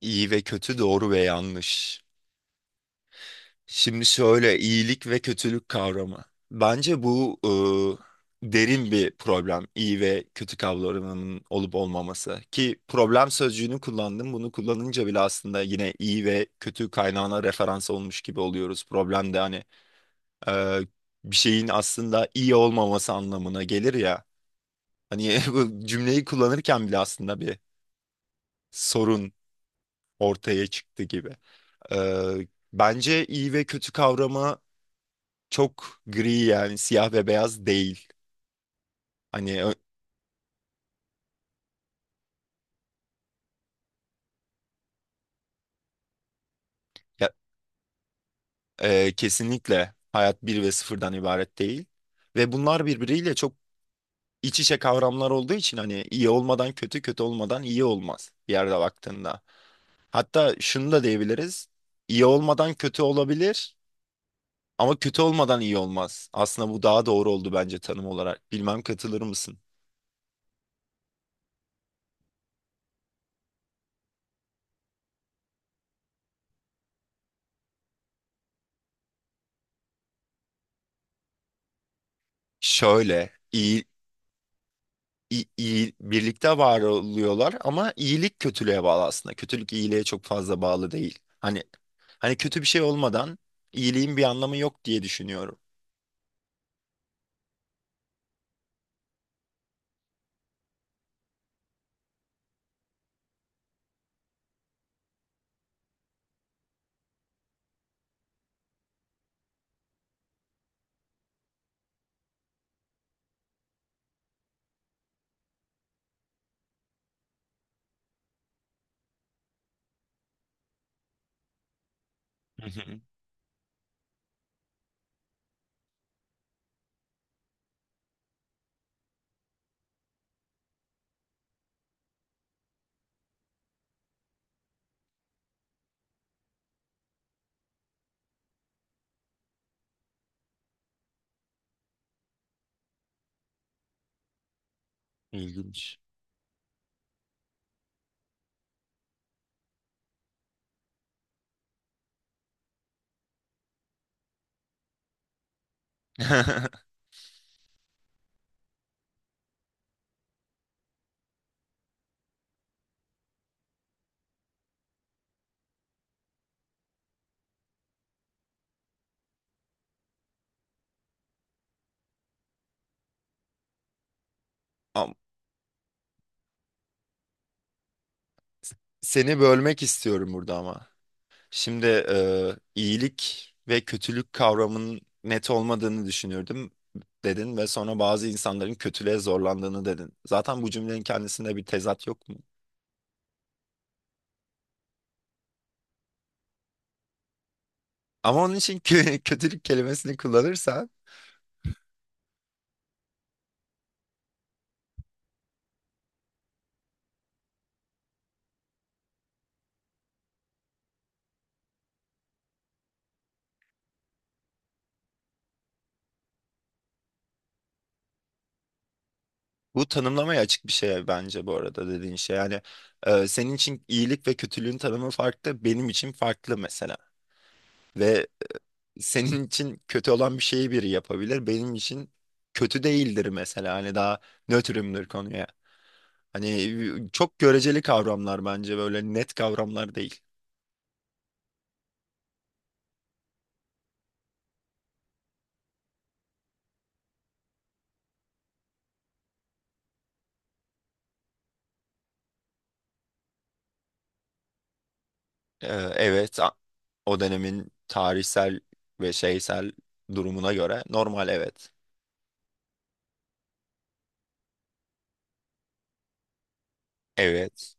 İyi ve kötü, doğru ve yanlış. Şimdi şöyle iyilik ve kötülük kavramı. Bence bu derin bir problem. İyi ve kötü kavramının olup olmaması. Ki problem sözcüğünü kullandım. Bunu kullanınca bile aslında yine iyi ve kötü kaynağına referans olmuş gibi oluyoruz. Problem de hani e, bir şeyin aslında iyi olmaması anlamına gelir ya. Hani bu cümleyi kullanırken bile aslında bir sorun ortaya çıktı gibi. Bence iyi ve kötü kavramı çok gri, yani siyah ve beyaz değil. Hani ö- ya- Kesinlikle hayat bir ve sıfırdan ibaret değil. Ve bunlar birbiriyle çok iç içe kavramlar olduğu için hani iyi olmadan kötü, kötü olmadan iyi olmaz bir yerde baktığında. Hatta şunu da diyebiliriz. İyi olmadan kötü olabilir ama kötü olmadan iyi olmaz. Aslında bu daha doğru oldu bence tanım olarak. Bilmem katılır mısın? Şöyle, iyi, birlikte var oluyorlar ama iyilik kötülüğe bağlı aslında. Kötülük iyiliğe çok fazla bağlı değil. Hani hani kötü bir şey olmadan iyiliğin bir anlamı yok diye düşünüyorum. Hı hı. İlginç. Am- Seni bölmek istiyorum burada ama. Şimdi iyilik ve kötülük kavramının net olmadığını düşünürdüm dedin ve sonra bazı insanların kötülüğe zorlandığını dedin. Zaten bu cümlenin kendisinde bir tezat yok mu? Ama onun için kötülük kelimesini kullanırsan. Bu tanımlamaya açık bir şey bence bu arada dediğin şey. Yani senin için iyilik ve kötülüğün tanımı farklı, benim için farklı mesela. Ve senin için kötü olan bir şeyi biri yapabilir, benim için kötü değildir mesela. Hani daha nötrümdür konuya. Hani çok göreceli kavramlar, bence böyle net kavramlar değil. Ee, evet a- O dönemin tarihsel ve şeysel durumuna göre normal, evet. Evet.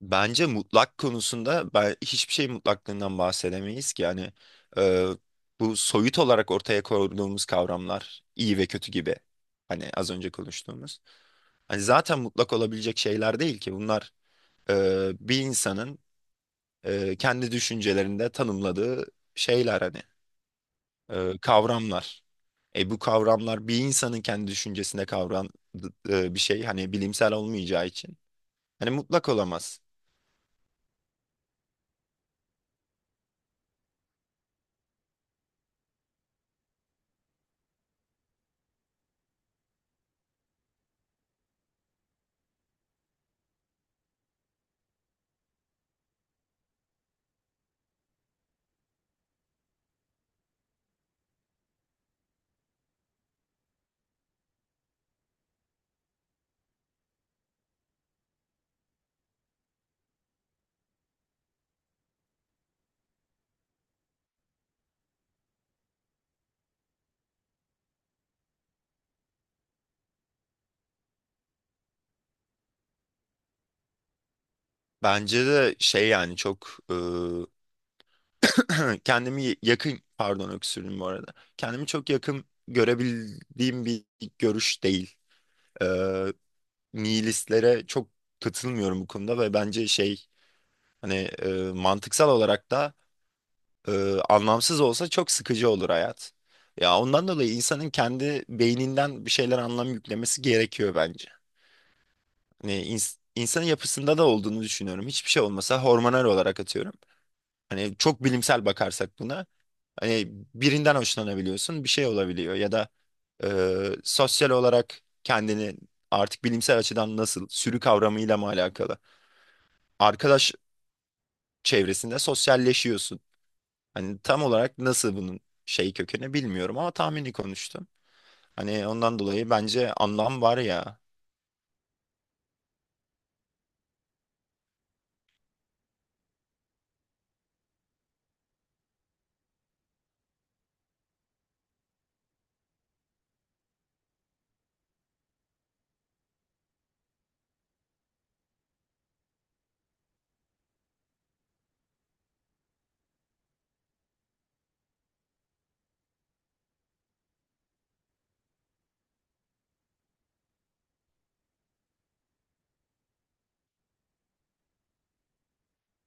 Bence mutlak konusunda ben hiçbir şey mutlaklığından bahsedemeyiz ki, yani e, bu soyut olarak ortaya koyduğumuz kavramlar iyi ve kötü gibi. Hani az önce konuştuğumuz. Hani zaten mutlak olabilecek şeyler değil ki bunlar, bir insanın kendi düşüncelerinde tanımladığı şeyler, hani kavramlar. E bu kavramlar bir insanın kendi düşüncesinde kavran bir şey hani bilimsel olmayacağı için hani mutlak olamaz. Bence de şey, yani çok e, kendimi yakın, pardon öksürdüm bu arada. Kendimi çok yakın görebildiğim bir görüş değil. E, Nihilistlere çok katılmıyorum bu konuda ve bence şey, hani mantıksal olarak da e, anlamsız olsa çok sıkıcı olur hayat. Ya ondan dolayı insanın kendi beyninden bir şeyler anlam yüklemesi gerekiyor bence. Hani insanın yapısında da olduğunu düşünüyorum. Hiçbir şey olmasa hormonal olarak atıyorum. Hani çok bilimsel bakarsak buna, hani birinden hoşlanabiliyorsun, bir şey olabiliyor ya da e, sosyal olarak kendini artık bilimsel açıdan nasıl sürü kavramıyla mı alakalı? Arkadaş çevresinde sosyalleşiyorsun. Hani tam olarak nasıl bunun şey kökeni bilmiyorum ama tahmini konuştum. Hani ondan dolayı bence anlam var ya.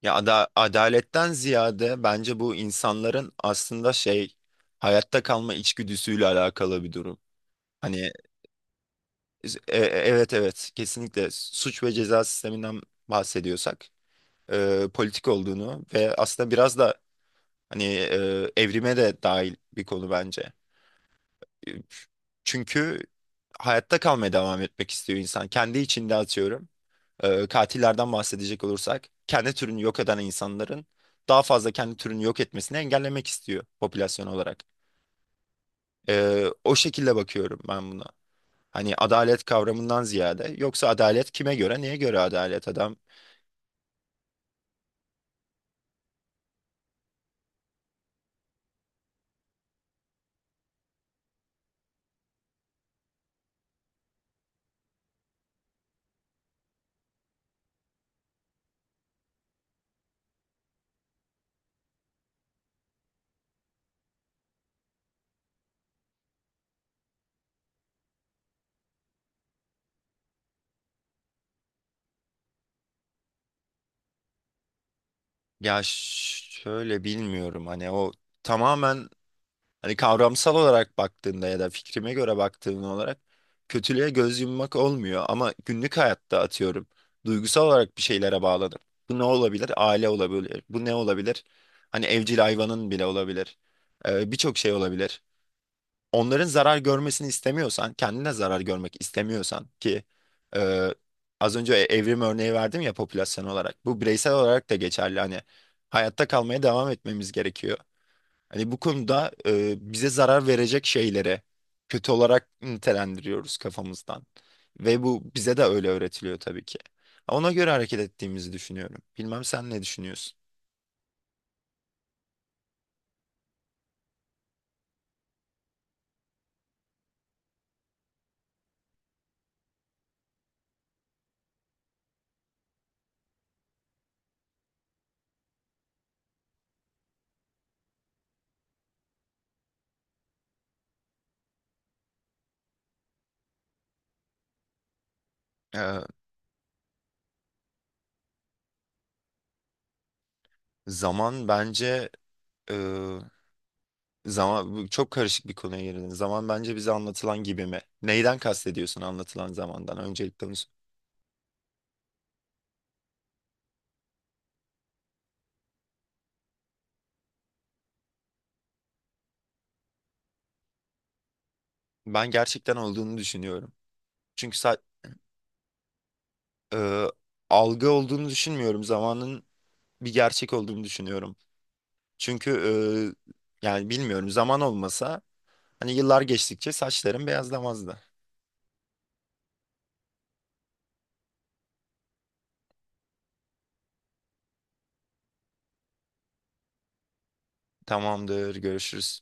Ya adaletten ziyade bence bu insanların aslında şey hayatta kalma içgüdüsüyle alakalı bir durum. Hani evet, kesinlikle suç ve ceza sisteminden bahsediyorsak politik olduğunu ve aslında biraz da hani evrime de dahil bir konu bence. E, Çünkü hayatta kalmaya devam etmek istiyor insan. Kendi içinde atıyorum, katillerden bahsedecek olursak kendi türünü yok eden insanların daha fazla kendi türünü yok etmesini engellemek istiyor popülasyon olarak. O şekilde bakıyorum ben buna. Hani adalet kavramından ziyade, yoksa adalet kime göre neye göre adalet adam? Ya şöyle bilmiyorum, hani o tamamen, hani kavramsal olarak baktığında ya da fikrime göre baktığın olarak kötülüğe göz yummak olmuyor ama günlük hayatta atıyorum duygusal olarak bir şeylere bağladım. Bu ne olabilir? Aile olabilir. Bu ne olabilir? Hani evcil hayvanın bile olabilir. Birçok şey olabilir. Onların zarar görmesini istemiyorsan, kendine zarar görmek istemiyorsan ki e, az önce evrim örneği verdim ya popülasyon olarak. Bu bireysel olarak da geçerli. Hani hayatta kalmaya devam etmemiz gerekiyor. Hani bu konuda bize zarar verecek şeylere kötü olarak nitelendiriyoruz kafamızdan. Ve bu bize de öyle öğretiliyor tabii ki. Ona göre hareket ettiğimizi düşünüyorum. Bilmem sen ne düşünüyorsun? Ee, zaman bence e, Zaman bu çok karışık bir konuya girdin. Zaman bence bize anlatılan gibi mi? Neyden kastediyorsun anlatılan zamandan? Öncelikle onu Ben gerçekten olduğunu düşünüyorum. Çünkü e, algı olduğunu düşünmüyorum. Zamanın bir gerçek olduğunu düşünüyorum. Çünkü yani bilmiyorum, zaman olmasa hani yıllar geçtikçe saçlarım beyazlamazdı. Tamamdır, görüşürüz.